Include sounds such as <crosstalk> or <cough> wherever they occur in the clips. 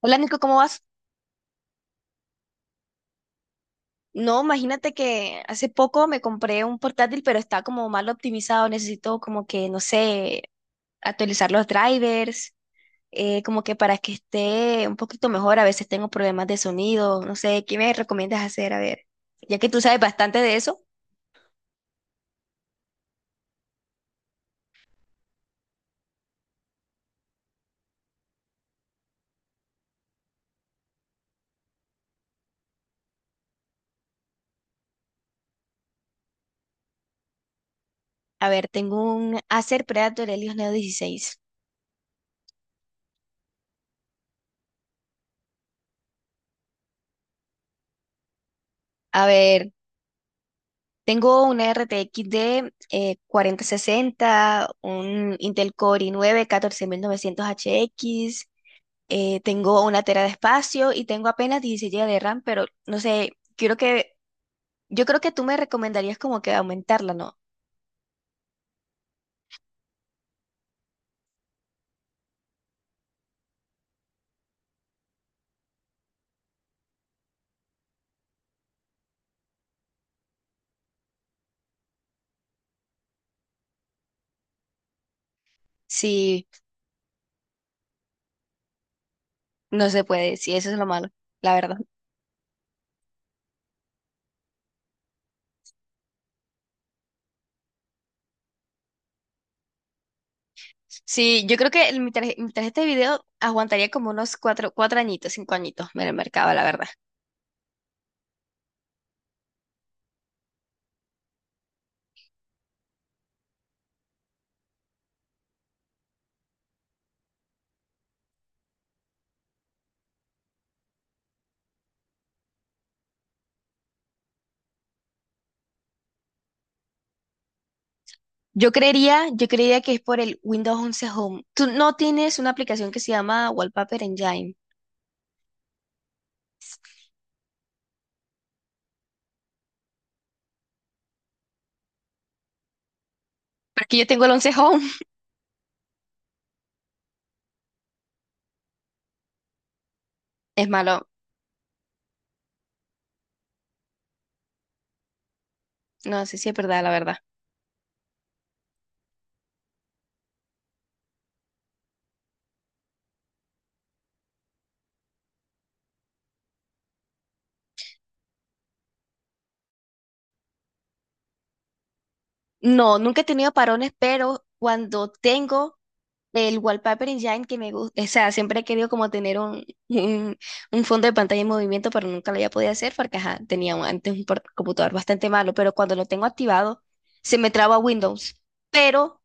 Hola Nico, ¿cómo vas? No, imagínate que hace poco me compré un portátil, pero está como mal optimizado. Necesito como que, no sé, actualizar los drivers, como que para que esté un poquito mejor. A veces tengo problemas de sonido, no sé, ¿qué me recomiendas hacer? A ver, ya que tú sabes bastante de eso. A ver, tengo un Acer Predator Helios Neo 16. A ver, tengo una RTX de 4060, un Intel Core i9 14900HX. Tengo una tera de espacio y tengo apenas 16 GB de RAM, pero no sé, quiero que, yo creo que tú me recomendarías como que aumentarla, ¿no? Sí, no se puede, sí, eso es lo malo, la verdad. Sí, yo creo que mi tarjeta de video aguantaría como unos 4 añitos, 5 añitos en el mercado, la verdad. Yo creería que es por el Windows 11 Home. Tú no tienes una aplicación que se llama Wallpaper Engine, porque yo tengo el 11 Home. <laughs> Es malo, no sé si es verdad, la verdad. No, nunca he tenido parones, pero cuando tengo el wallpaper en Engine que me gusta, o sea, siempre he querido como tener un fondo de pantalla en movimiento, pero nunca lo había podido hacer porque ajá, tenía antes computador bastante malo, pero cuando lo tengo activado, se me traba Windows. Pero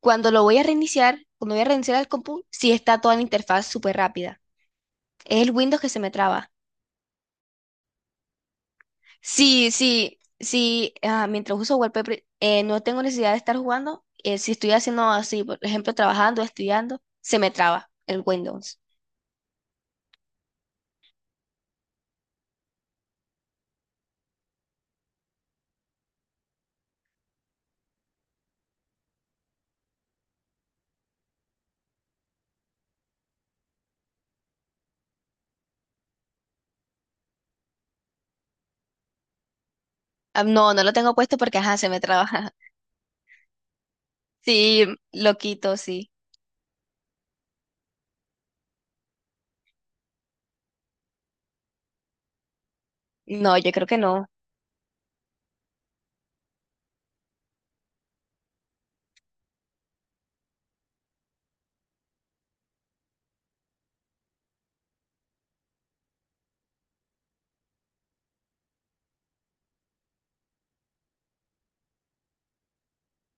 cuando voy a reiniciar el compu, sí está toda la interfaz súper rápida. Es el Windows que se me traba. Sí, sí, sí, mientras uso wallpaper, no tengo necesidad de estar jugando. Si estoy haciendo así, por ejemplo, trabajando, estudiando, se me traba el Windows. Ah, no, no lo tengo puesto porque, ajá, se me traba. <laughs> Sí, lo quito, sí. No, yo creo que no.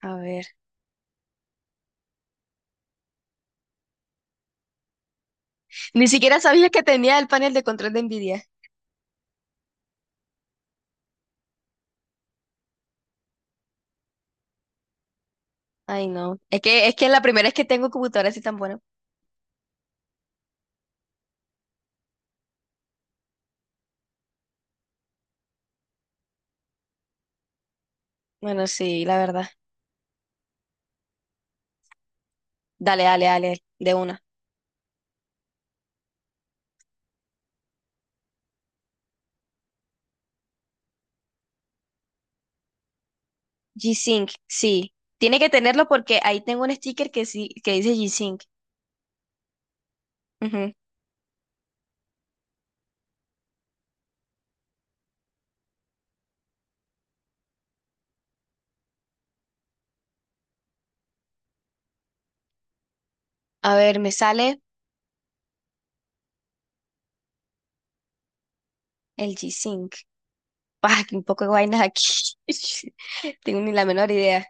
A ver. Ni siquiera sabía que tenía el panel de control de Nvidia. Ay, no. Es que la primera es que tengo computadora así tan buena. Bueno, sí, la verdad. Dale, dale, dale, de una. G-Sync, sí. Tiene que tenerlo porque ahí tengo un sticker que sí, que dice G-Sync. Ujú. A ver, me sale el G-Sync. <laughs> Bah, que un poco de vainas aquí. <laughs> Tengo ni la menor idea.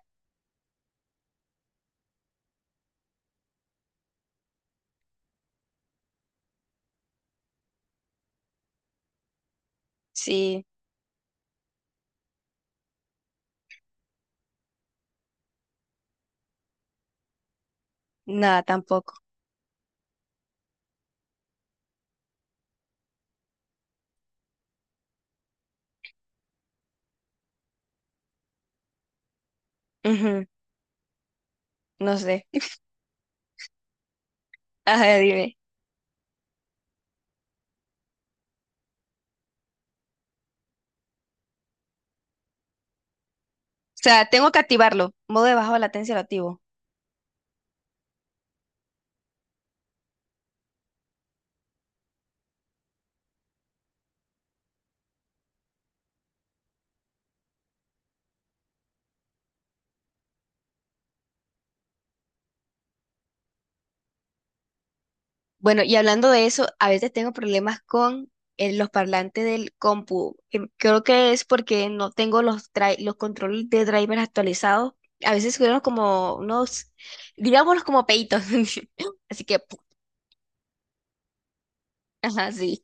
Sí, nada, tampoco. Ujú, no sé. <laughs> A ver, dime. O sea, tengo que activarlo. Modo de baja latencia lo activo. Bueno, y hablando de eso, a veces tengo problemas con los parlantes del compu. Creo que es porque no tengo los controles de drivers actualizados. A veces subieron como unos, digámoslos como peitos. <laughs> Así que, ajá, sí.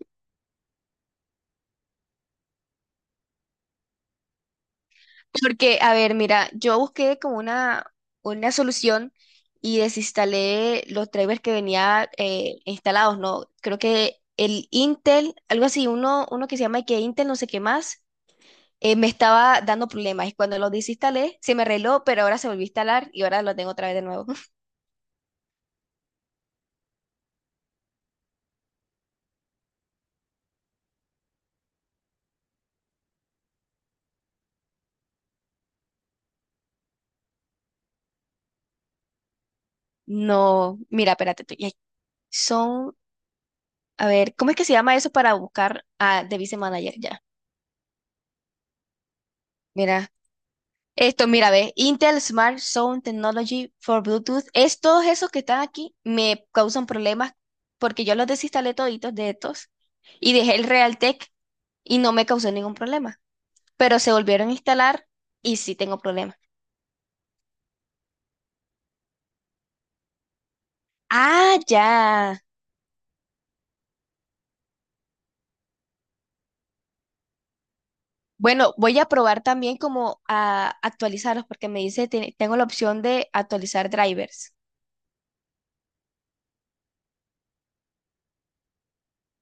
Porque, a ver, mira, yo busqué como una solución y desinstalé los drivers que venía instalados, ¿no? Creo que el Intel, algo así, uno que se llama que Intel no sé qué más, me estaba dando problemas. Y cuando lo desinstalé, se me arregló, pero ahora se volvió a instalar y ahora lo tengo otra vez de nuevo. <laughs> No, mira, espérate, ay, son, a ver, ¿cómo es que se llama eso para buscar a Device Manager ya? Mira, esto, mira, ve, Intel Smart Sound Technology for Bluetooth, es todos esos que están aquí, me causan problemas porque yo los desinstalé toditos de estos y dejé el Realtek y no me causó ningún problema, pero se volvieron a instalar y sí tengo problemas. Ah, ya. Bueno, voy a probar también como a actualizarlos porque me dice, tengo la opción de actualizar drivers.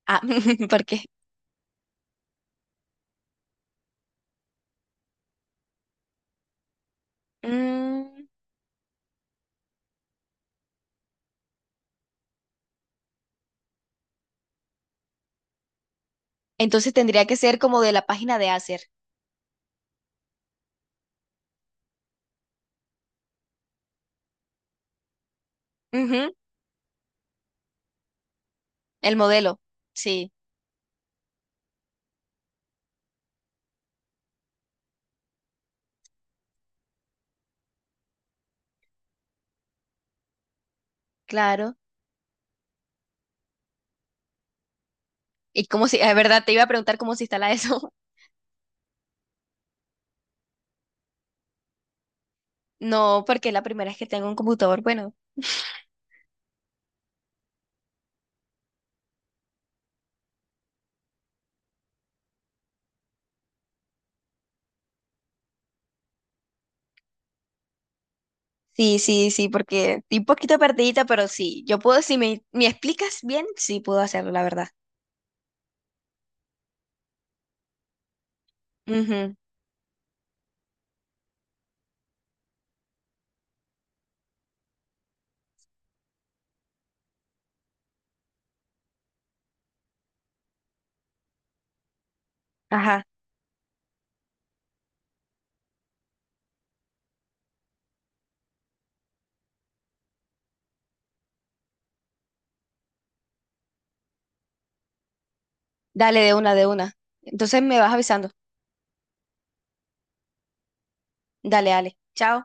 Ah, <laughs> ¿por qué? Mm, entonces tendría que ser como de la página de Acer. Ujú, el modelo, sí. Claro. Y como si, es verdad, te iba a preguntar cómo se instala eso. <laughs> No, porque la primera vez que tengo un computador, bueno. Sí, sí, sí, porque estoy un poquito perdidita, pero sí, yo puedo, si me explicas bien, sí puedo hacerlo, la verdad. Ujú, ajá, dale de una, de una. Entonces me vas avisando. Dale, dale. Chao.